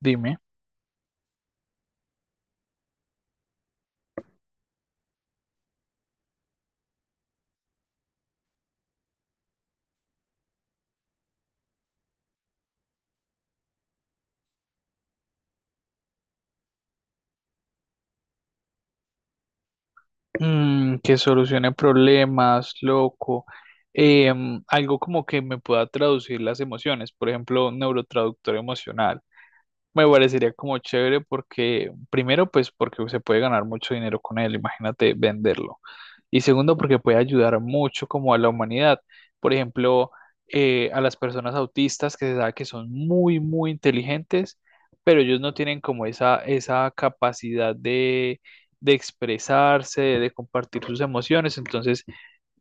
Dime. Que solucione problemas, loco. Algo como que me pueda traducir las emociones, por ejemplo, un neurotraductor emocional. Me parecería como chévere porque, primero, pues porque se puede ganar mucho dinero con él, imagínate venderlo. Y segundo, porque puede ayudar mucho como a la humanidad. Por ejemplo, a las personas autistas que se sabe que son muy, muy inteligentes, pero ellos no tienen como esa capacidad de expresarse, de compartir sus emociones. Entonces,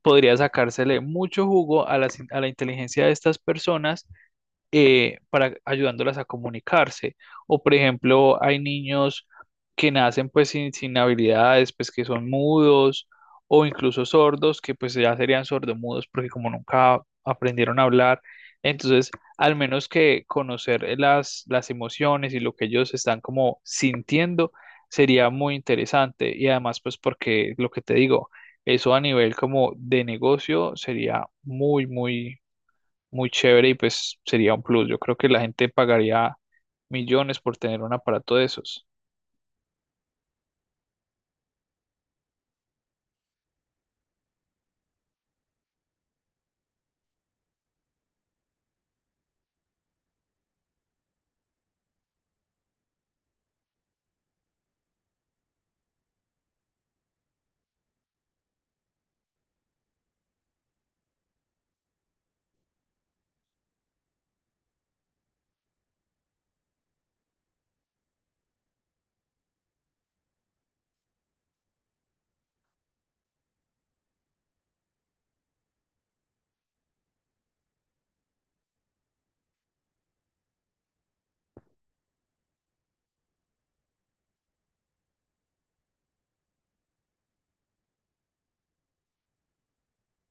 podría sacársele mucho jugo a la inteligencia de estas personas para ayudándolas a comunicarse. O por ejemplo, hay niños que nacen pues sin habilidades, pues que son mudos o incluso sordos, que pues ya serían sordomudos porque como nunca aprendieron a hablar, entonces al menos que conocer las emociones y lo que ellos están como sintiendo sería muy interesante y además pues porque lo que te digo, eso a nivel como de negocio sería muy, muy chévere y pues sería un plus. Yo creo que la gente pagaría millones por tener un aparato de esos.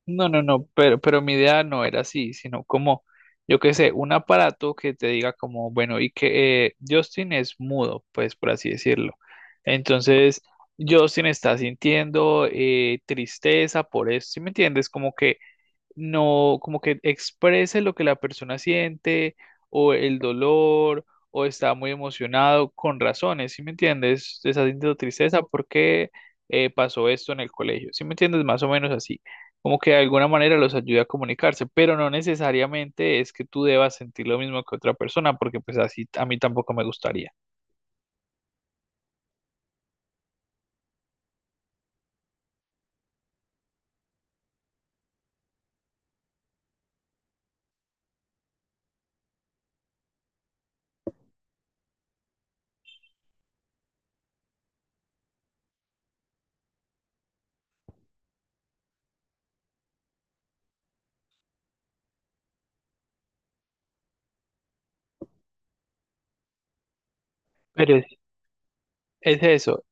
No, no, no, pero mi idea no era así, sino como, yo qué sé, un aparato que te diga como, bueno, y que Justin es mudo, pues por así decirlo. Entonces, Justin está sintiendo tristeza por eso, ¿sí me entiendes? Como que no como que exprese lo que la persona siente o el dolor o está muy emocionado con razones, ¿sí me entiendes? Está sintiendo tristeza porque pasó esto en el colegio, ¿sí me entiendes? Más o menos así, como que de alguna manera los ayuda a comunicarse, pero no necesariamente es que tú debas sentir lo mismo que otra persona porque pues así a mí tampoco me gustaría. Pero es, es eso,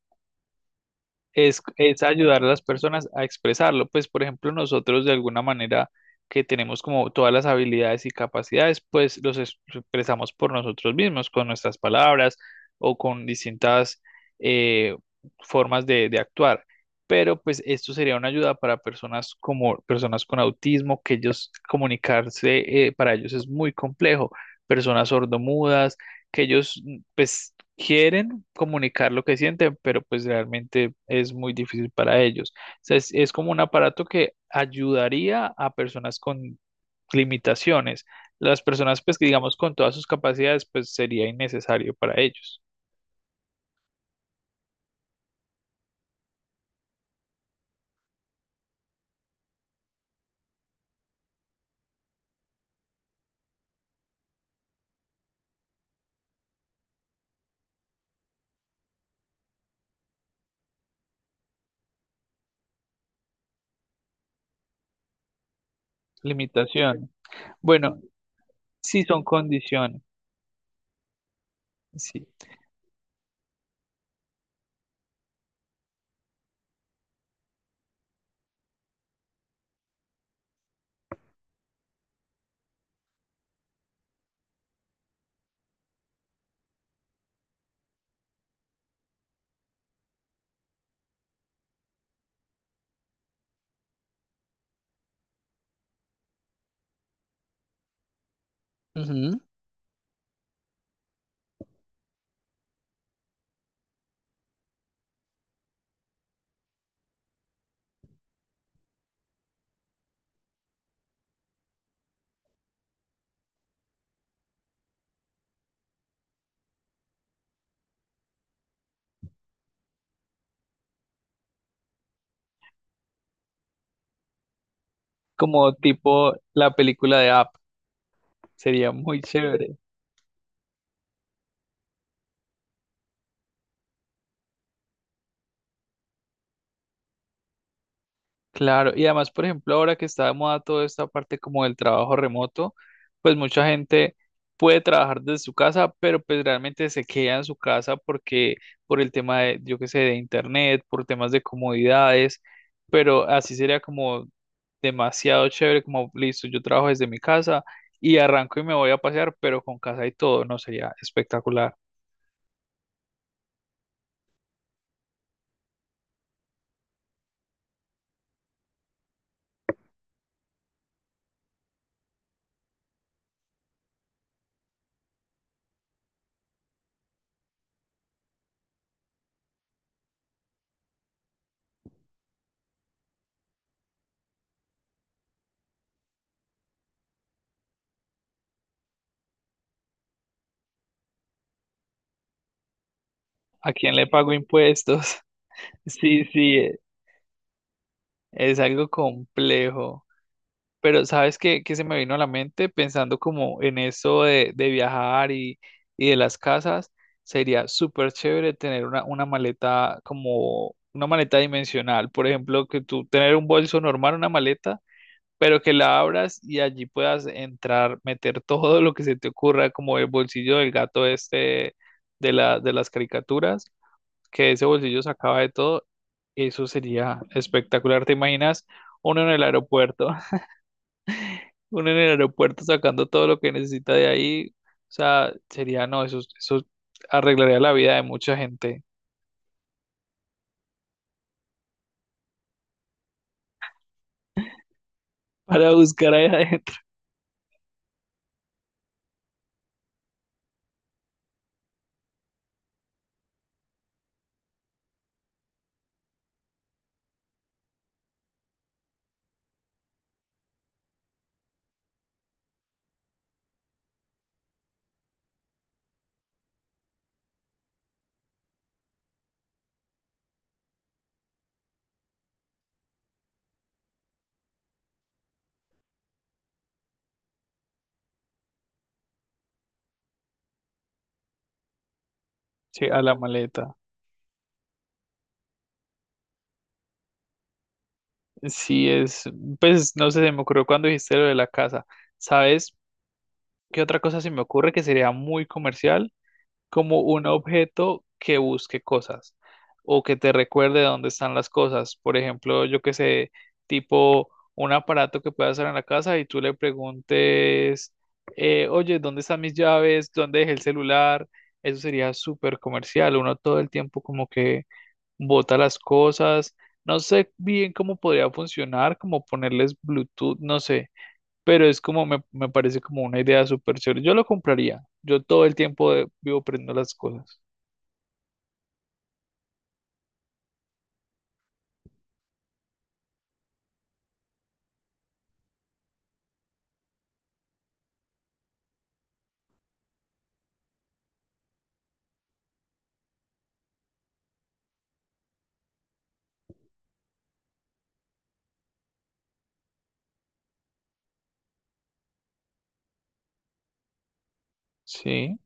es ayudar a las personas a expresarlo. Pues, por ejemplo, nosotros de alguna manera que tenemos como todas las habilidades y capacidades, pues los es- expresamos por nosotros mismos, con nuestras palabras o con distintas eh, formas de actuar. Pero pues esto sería una ayuda para personas como personas con autismo, que ellos comunicarse para ellos es muy complejo, personas sordomudas, que ellos pues quieren comunicar lo que sienten, pero pues realmente es muy difícil para ellos. O sea, es como un aparato que ayudaría a personas con limitaciones. Las personas, pues que digamos con todas sus capacidades, pues sería innecesario para ellos. Limitación. Bueno, sí son condiciones. Sí. Ujú. Como tipo la película de App. Sería muy chévere. Claro, y además, por ejemplo, ahora que está de moda toda esta parte como del trabajo remoto, pues mucha gente puede trabajar desde su casa, pero pues realmente se queda en su casa porque por el tema de, yo qué sé, de internet, por temas de comodidades, pero así sería como demasiado chévere, como listo, yo trabajo desde mi casa y arranco y me voy a pasear, pero con casa y todo, no sería espectacular. ¿A quién le pago impuestos? Sí, sí, es algo complejo. Pero ¿sabes qué, qué se me vino a la mente pensando como en eso de viajar y de las casas? Sería súper chévere tener una maleta como una maleta dimensional. Por ejemplo, que tú tener un bolso normal, una maleta, pero que la abras y allí puedas entrar, meter todo lo que se te ocurra, como el bolsillo del gato este de de las caricaturas, que ese bolsillo sacaba de todo. Eso sería espectacular. ¿Te imaginas uno en el aeropuerto? Uno en el aeropuerto sacando todo lo que necesita de ahí, o sea, sería, no, eso arreglaría la vida de mucha gente para buscar ahí adentro, sí, a la maleta. Sí, es, pues, no sé, se me ocurrió cuando dijiste lo de la casa. ¿Sabes qué otra cosa se me ocurre que sería muy comercial? Como un objeto que busque cosas o que te recuerde dónde están las cosas. Por ejemplo, yo que sé, tipo un aparato que puedas hacer en la casa y tú le preguntes, oye, ¿dónde están mis llaves? ¿Dónde dejé el celular? Eso sería súper comercial. Uno todo el tiempo como que bota las cosas. No sé bien cómo podría funcionar, como ponerles Bluetooth, no sé pero es como me parece como una idea súper chévere. Yo lo compraría. Yo todo el tiempo de- vivo prendiendo las cosas. Sí.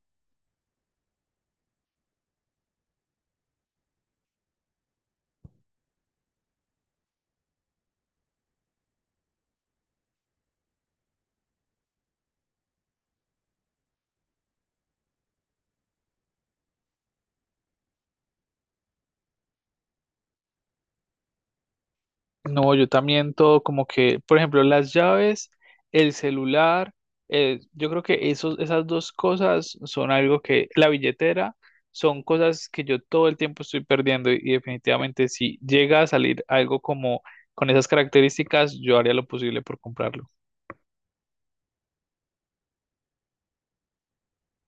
No, yo también todo como que, por ejemplo, las llaves, el celular, yo creo que esas dos cosas son algo que, la billetera, son cosas que yo todo el tiempo estoy perdiendo y definitivamente si llega a salir algo como con esas características, yo haría lo posible por comprarlo.